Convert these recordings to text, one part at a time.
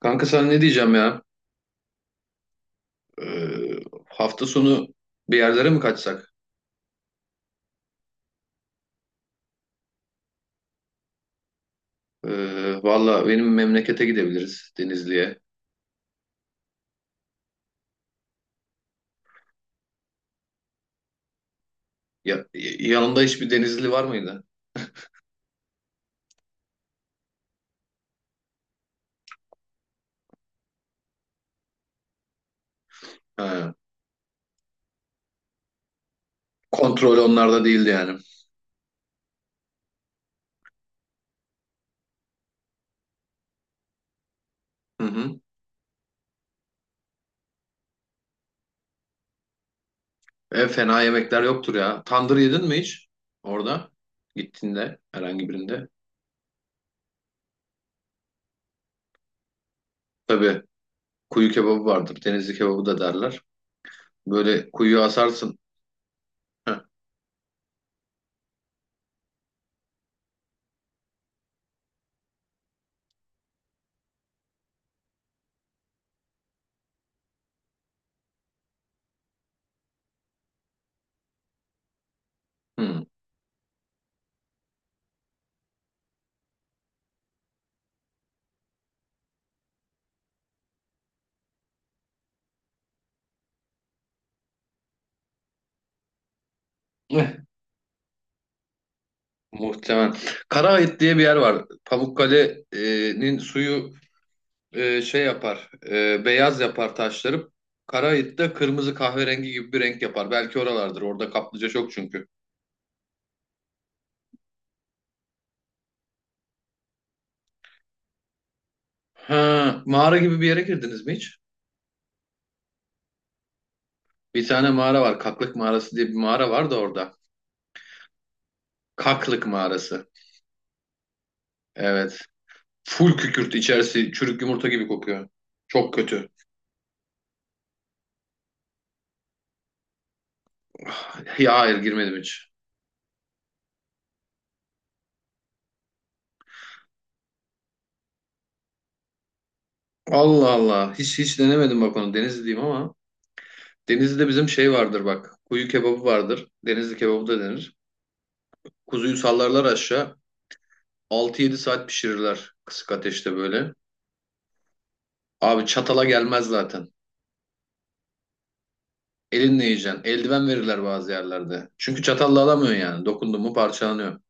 Kanka sana ne diyeceğim ya? Hafta sonu bir yerlere mi kaçsak? Valla benim memlekete gidebiliriz Denizli'ye. Ya, yanında hiçbir Denizli var mıydı? Ha, kontrol onlarda değildi yani. Hı hı. E, fena yemekler yoktur ya. Tandır yedin mi hiç? Orada gittiğinde herhangi birinde. Tabii kuyu kebabı vardır. Denizli kebabı da derler. Böyle kuyu asarsın. Heh, hı. Muhtemelen. Karaait diye bir yer var. Pamukkale'nin suyu şey yapar, beyaz yapar taşları. Karaait de kırmızı kahverengi gibi bir renk yapar. Belki oralardır. Orada kaplıca çok çünkü. Ha, mağara gibi bir yere girdiniz mi hiç? Bir tane mağara var. Kaklık mağarası diye bir mağara var da orada. Kaklık mağarası. Evet. Full kükürt içerisi çürük yumurta gibi kokuyor. Çok kötü. Ya hayır girmedim hiç. Allah Allah. Hiç hiç denemedim bak onu. Denizliyim ama. Denizli'de bizim şey vardır bak. Kuyu kebabı vardır. Denizli kebabı da denir. Kuzuyu sallarlar aşağı. 6 7 saat pişirirler kısık ateşte böyle. Abi çatala gelmez zaten. Elinle yiyeceksin. Eldiven verirler bazı yerlerde. Çünkü çatalla alamıyorsun yani. Dokundun mu parçalanıyor.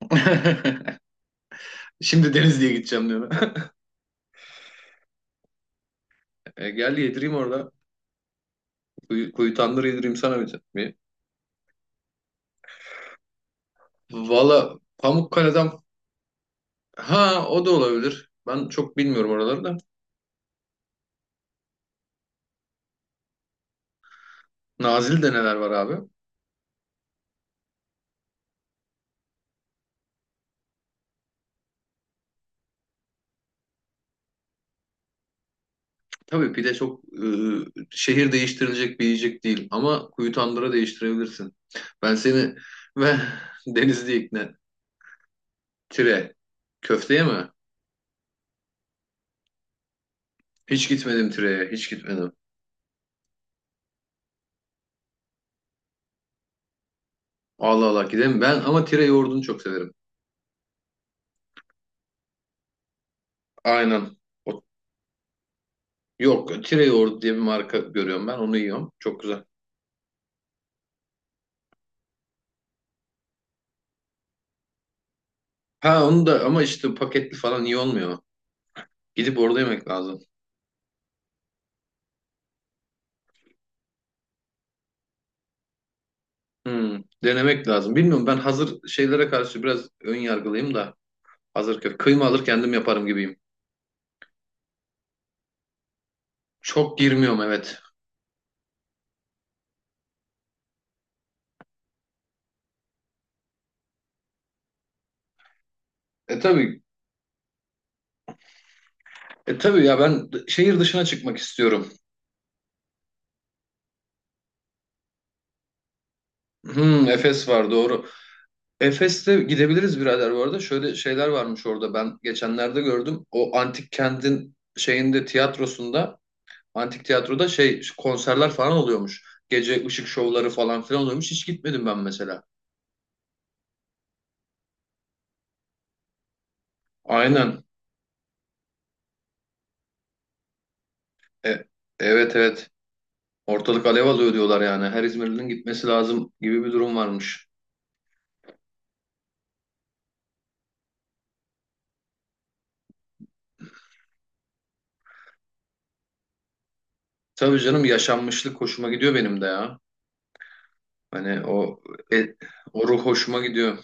Şimdi Denizli'ye gideceğim diyor. E, gel yedireyim orada. Kuyu tandır yedireyim sana bir. Valla Pamukkale'den ha o da olabilir. Ben çok bilmiyorum oraları da. Nazilli'de neler var abi? Tabii pide çok şehir değiştirilecek bir yiyecek değil ama kuyu tandıra değiştirebilirsin. Ben seni ve Denizli ikna. Tire. Köfteye mi? Hiç gitmedim Tire'ye. Hiç gitmedim. Allah Allah gidelim. Ben ama Tire yoğurdunu çok severim. Aynen. O, yok Tire yoğurdu diye bir marka görüyorum ben. Onu yiyorum. Çok güzel. Ha onu da ama işte paketli falan iyi olmuyor. Gidip orada yemek lazım. Hmm, denemek lazım. Bilmiyorum ben hazır şeylere karşı biraz ön yargılıyım da. Hazır kıyma alır kendim yaparım gibiyim. Çok girmiyorum evet. E tabii. E tabii ya ben şehir dışına çıkmak istiyorum. Hmm, Efes var doğru. Efes'te gidebiliriz birader bu arada. Şöyle şeyler varmış orada ben geçenlerde gördüm. O antik kentin şeyinde tiyatrosunda antik tiyatroda şey konserler falan oluyormuş. Gece ışık şovları falan filan oluyormuş. Hiç gitmedim ben mesela. Aynen. E, evet evet. Ortalık alev alıyor diyorlar yani. Her İzmirli'nin gitmesi lazım gibi bir durum varmış. Tabii canım yaşanmışlık hoşuma gidiyor benim de ya. Hani o e, o ruh hoşuma gidiyor.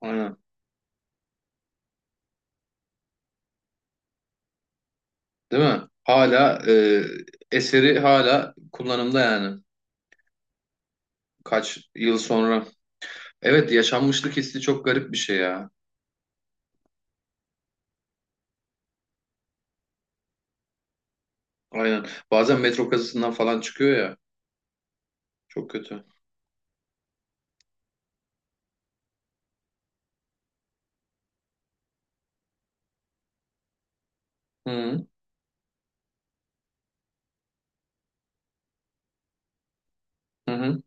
Aynen. Değil mi? Hala eseri hala kullanımda yani. Kaç yıl sonra. Evet yaşanmışlık hissi çok garip bir şey ya. Aynen. Bazen metro kazısından falan çıkıyor ya. Çok kötü. Hı hı. Hı.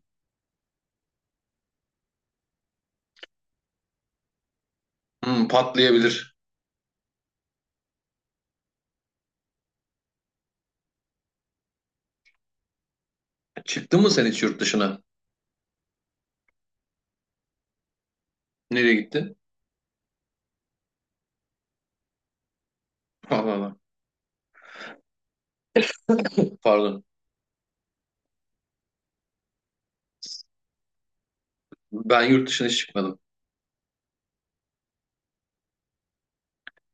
Hı, patlayabilir. Çıktın mı sen hiç yurt dışına? Nereye gittin? Allah Allah. Pardon. Ben yurt dışına hiç çıkmadım.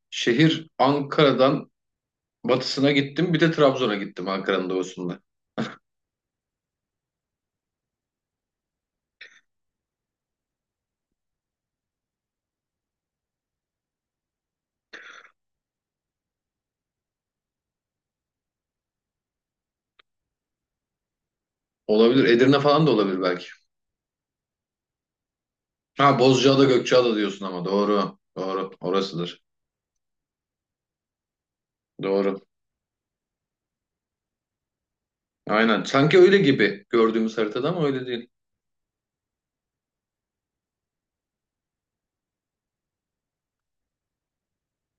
Şehir Ankara'dan batısına gittim. Bir de Trabzon'a gittim Ankara'nın doğusunda. Olabilir. Edirne falan da olabilir belki. Ha Bozcaada Gökçeada diyorsun ama doğru. Doğru. Orasıdır. Doğru. Aynen. Sanki öyle gibi gördüğümüz haritada ama öyle değil.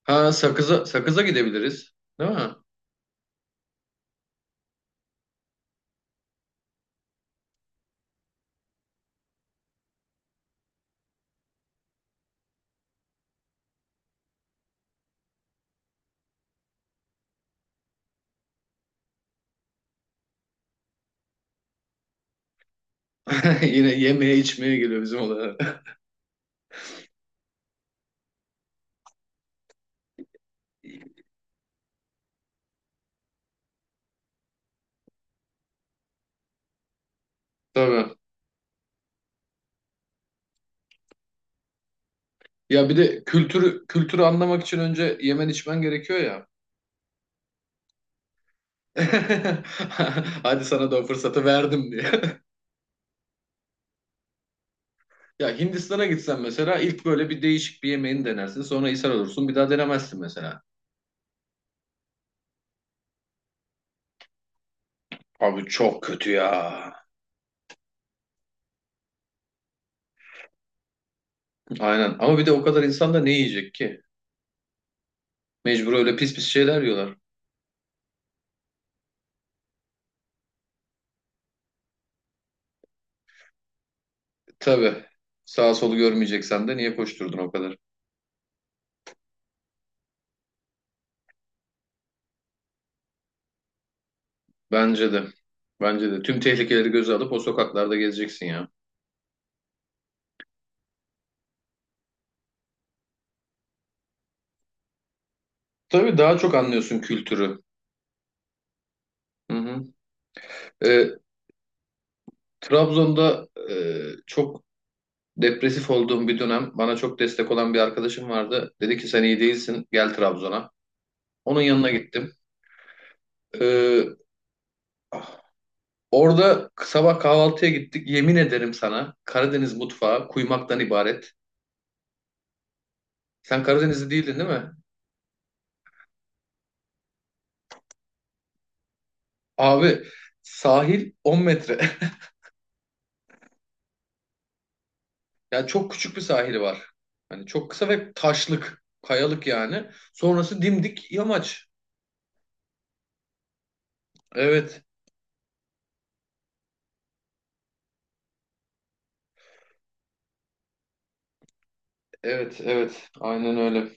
Ha Sakız'a gidebiliriz. Değil mi? Yine yemeye içmeye geliyor bizim olaya. Tabii. Ya bir de kültürü anlamak için önce yemen içmen gerekiyor ya. Hadi sana da o fırsatı verdim diye. Ya Hindistan'a gitsen mesela ilk böyle bir değişik bir yemeğini denersin. Sonra ishal olursun. Bir daha denemezsin mesela. Abi çok kötü ya. Aynen. Ama bir de o kadar insan da ne yiyecek ki? Mecbur öyle pis pis şeyler yiyorlar. Tabii. Sağ solu görmeyeceksen de niye koşturdun o kadar? Bence de. Bence de. Tüm tehlikeleri göze alıp o sokaklarda gezeceksin ya. Tabii daha çok anlıyorsun kültürü. Hı hı. Ee, Trabzon'da çok depresif olduğum bir dönem bana çok destek olan bir arkadaşım vardı. Dedi ki sen iyi değilsin gel Trabzon'a. Onun yanına gittim. E, Orada sabah kahvaltıya gittik. Yemin ederim sana Karadeniz mutfağı kuymaktan ibaret. Sen Karadenizli değildin değil mi? Abi sahil 10 metre. Yani çok küçük bir sahili var. Hani çok kısa ve taşlık, kayalık yani. Sonrası dimdik yamaç. Evet, evet. Aynen öyle.